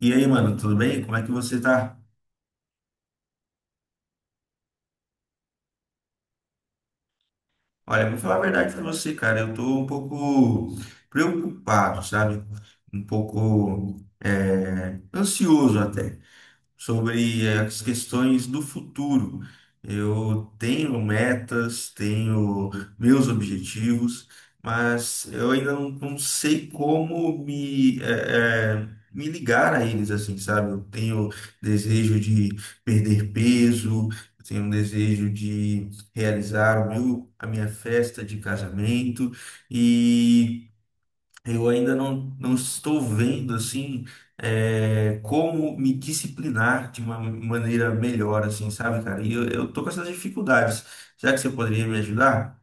E aí, mano, tudo bem? Como é que você tá? Olha, vou falar a verdade pra você, cara. Eu tô um pouco preocupado, sabe? Um pouco ansioso até sobre as questões do futuro. Eu tenho metas, tenho meus objetivos, mas eu ainda não sei como me, me ligar a eles, assim, sabe? Eu tenho desejo de perder peso, eu tenho um desejo de realizar a minha festa de casamento e. Eu ainda não estou vendo assim como me disciplinar de uma maneira melhor, assim, sabe, cara? E eu tô com essas dificuldades. Será que você poderia me ajudar?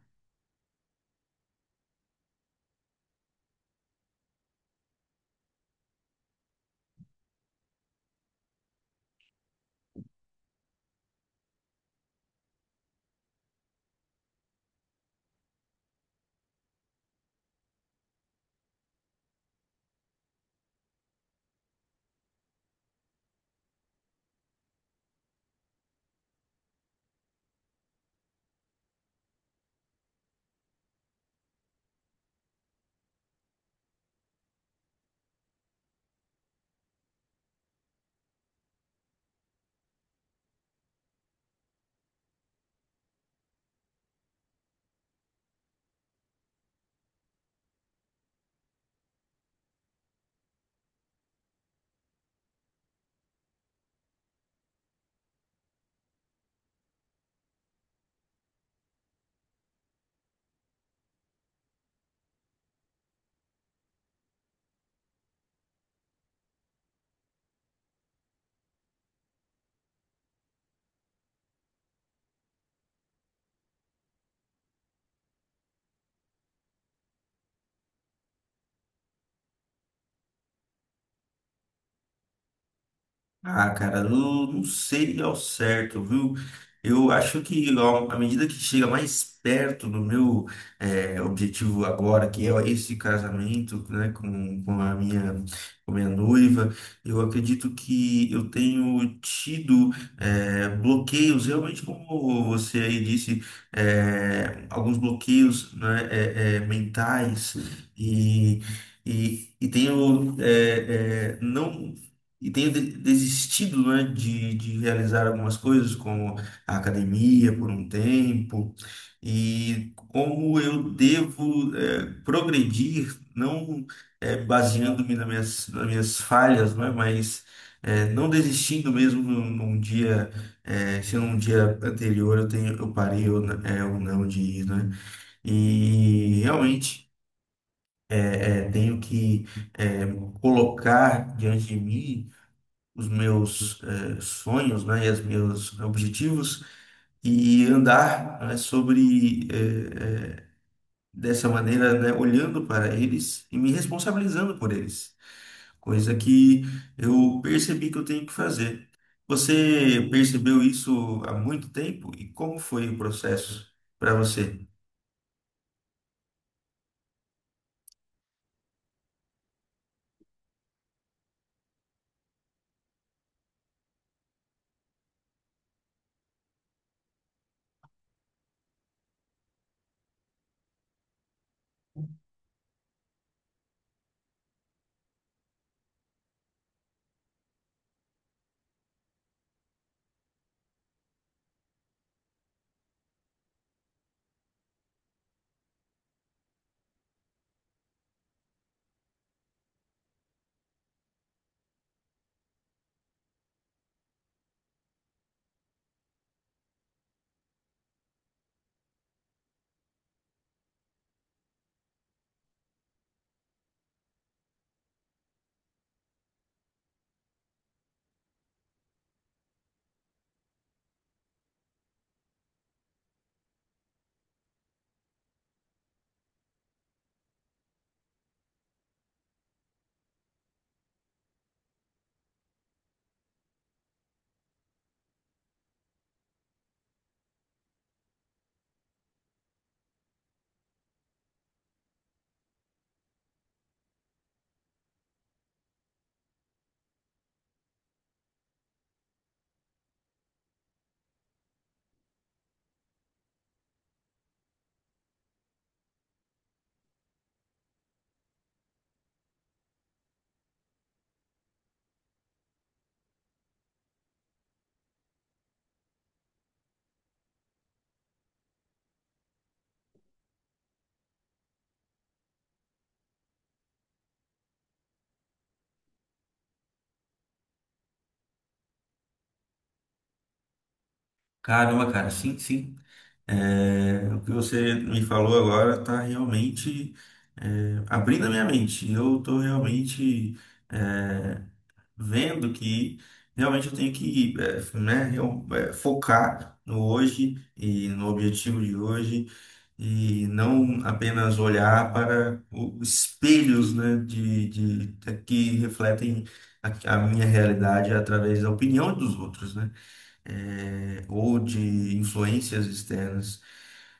Ah, cara, não sei ao certo, viu? Eu acho que ó, à medida que chega mais perto do meu objetivo agora, que é esse casamento, né, com a minha noiva, eu acredito que eu tenho tido bloqueios, realmente como você aí disse, alguns bloqueios, né, mentais e e tenho eh, eh, não e tenho desistido, né, de realizar algumas coisas, como a academia por um tempo, e como eu devo progredir, não eh, baseando-me nas minhas falhas, né, mas não desistindo mesmo num, num dia, se num dia anterior eu tenho, eu parei ou não de ir, né? E realmente tenho que eh, colocar diante de mim os meus sonhos, né, e os meus objetivos e andar né, sobre dessa maneira, né, olhando para eles e me responsabilizando por eles, coisa que eu percebi que eu tenho que fazer. Você percebeu isso há muito tempo e como foi o processo para você? Caramba, cara, sim, sim. É, o que você me falou agora está realmente abrindo a minha mente. Eu estou realmente é, vendo que realmente eu tenho que focar no hoje e no objetivo de hoje e não apenas olhar para os espelhos, né, que refletem a minha realidade através da opinião dos outros, né? Ou de influências externas.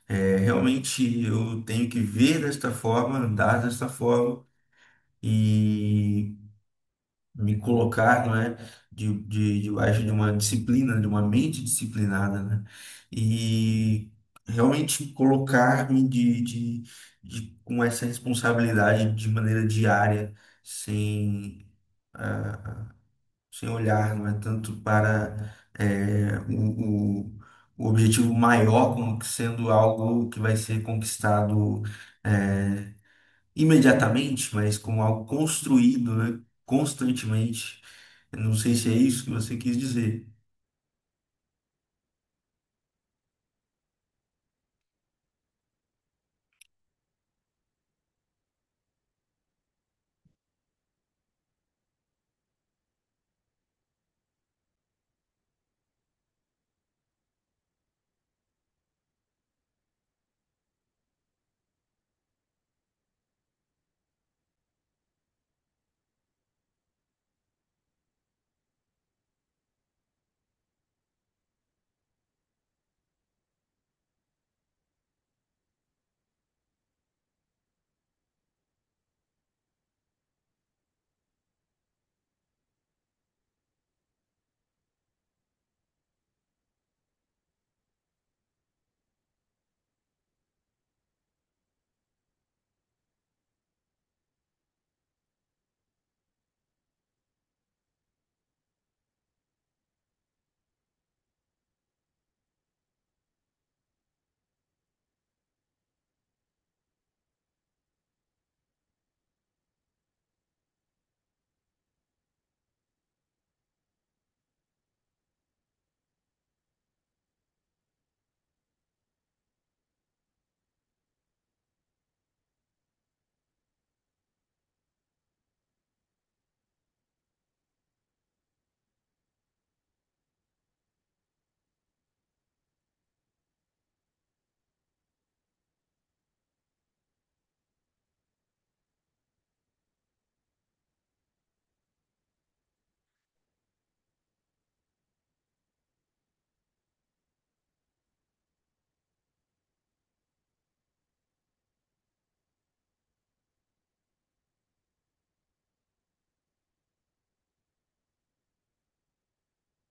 É, realmente eu tenho que ver desta forma, andar desta forma e me colocar, não é, debaixo de uma disciplina, de uma mente disciplinada, né? E realmente colocar-me com essa responsabilidade de maneira diária, sem sem olhar, não é tanto para é, o, o, o objetivo maior como que sendo algo que vai ser conquistado é, imediatamente, mas como algo construído, né, constantemente. Eu não sei se é isso que você quis dizer.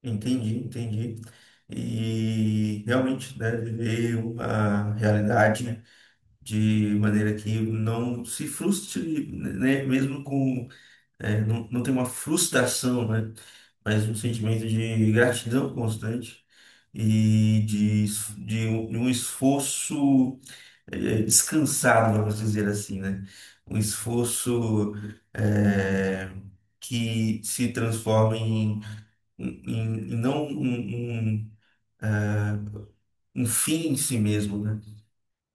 Entendi, entendi. E realmente, né, viver uma realidade de maneira que não se frustre, né, mesmo com é, não tem uma frustração, né? Mas um sentimento de gratidão constante e de um esforço descansado, vamos dizer assim, né? Um esforço eh, que se transforma em não um fim em si mesmo, né?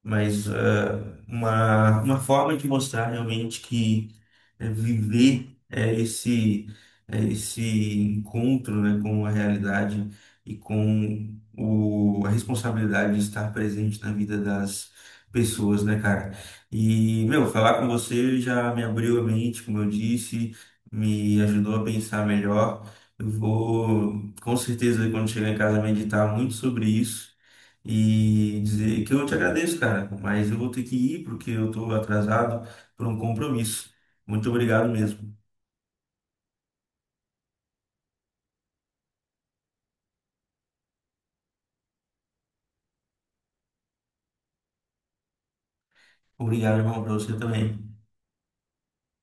Mas uma forma de mostrar realmente que é, viver é esse encontro, né, com a realidade e com a responsabilidade de estar presente na vida das pessoas, né, cara? E, meu, falar com você já me abriu a mente, como eu disse, me ajudou a pensar melhor. Eu vou, com certeza, quando chegar em casa, meditar muito sobre isso. E dizer que eu te agradeço, cara, mas eu vou ter que ir porque eu tô atrasado por um compromisso. Muito obrigado mesmo. Obrigado, irmão, para você também.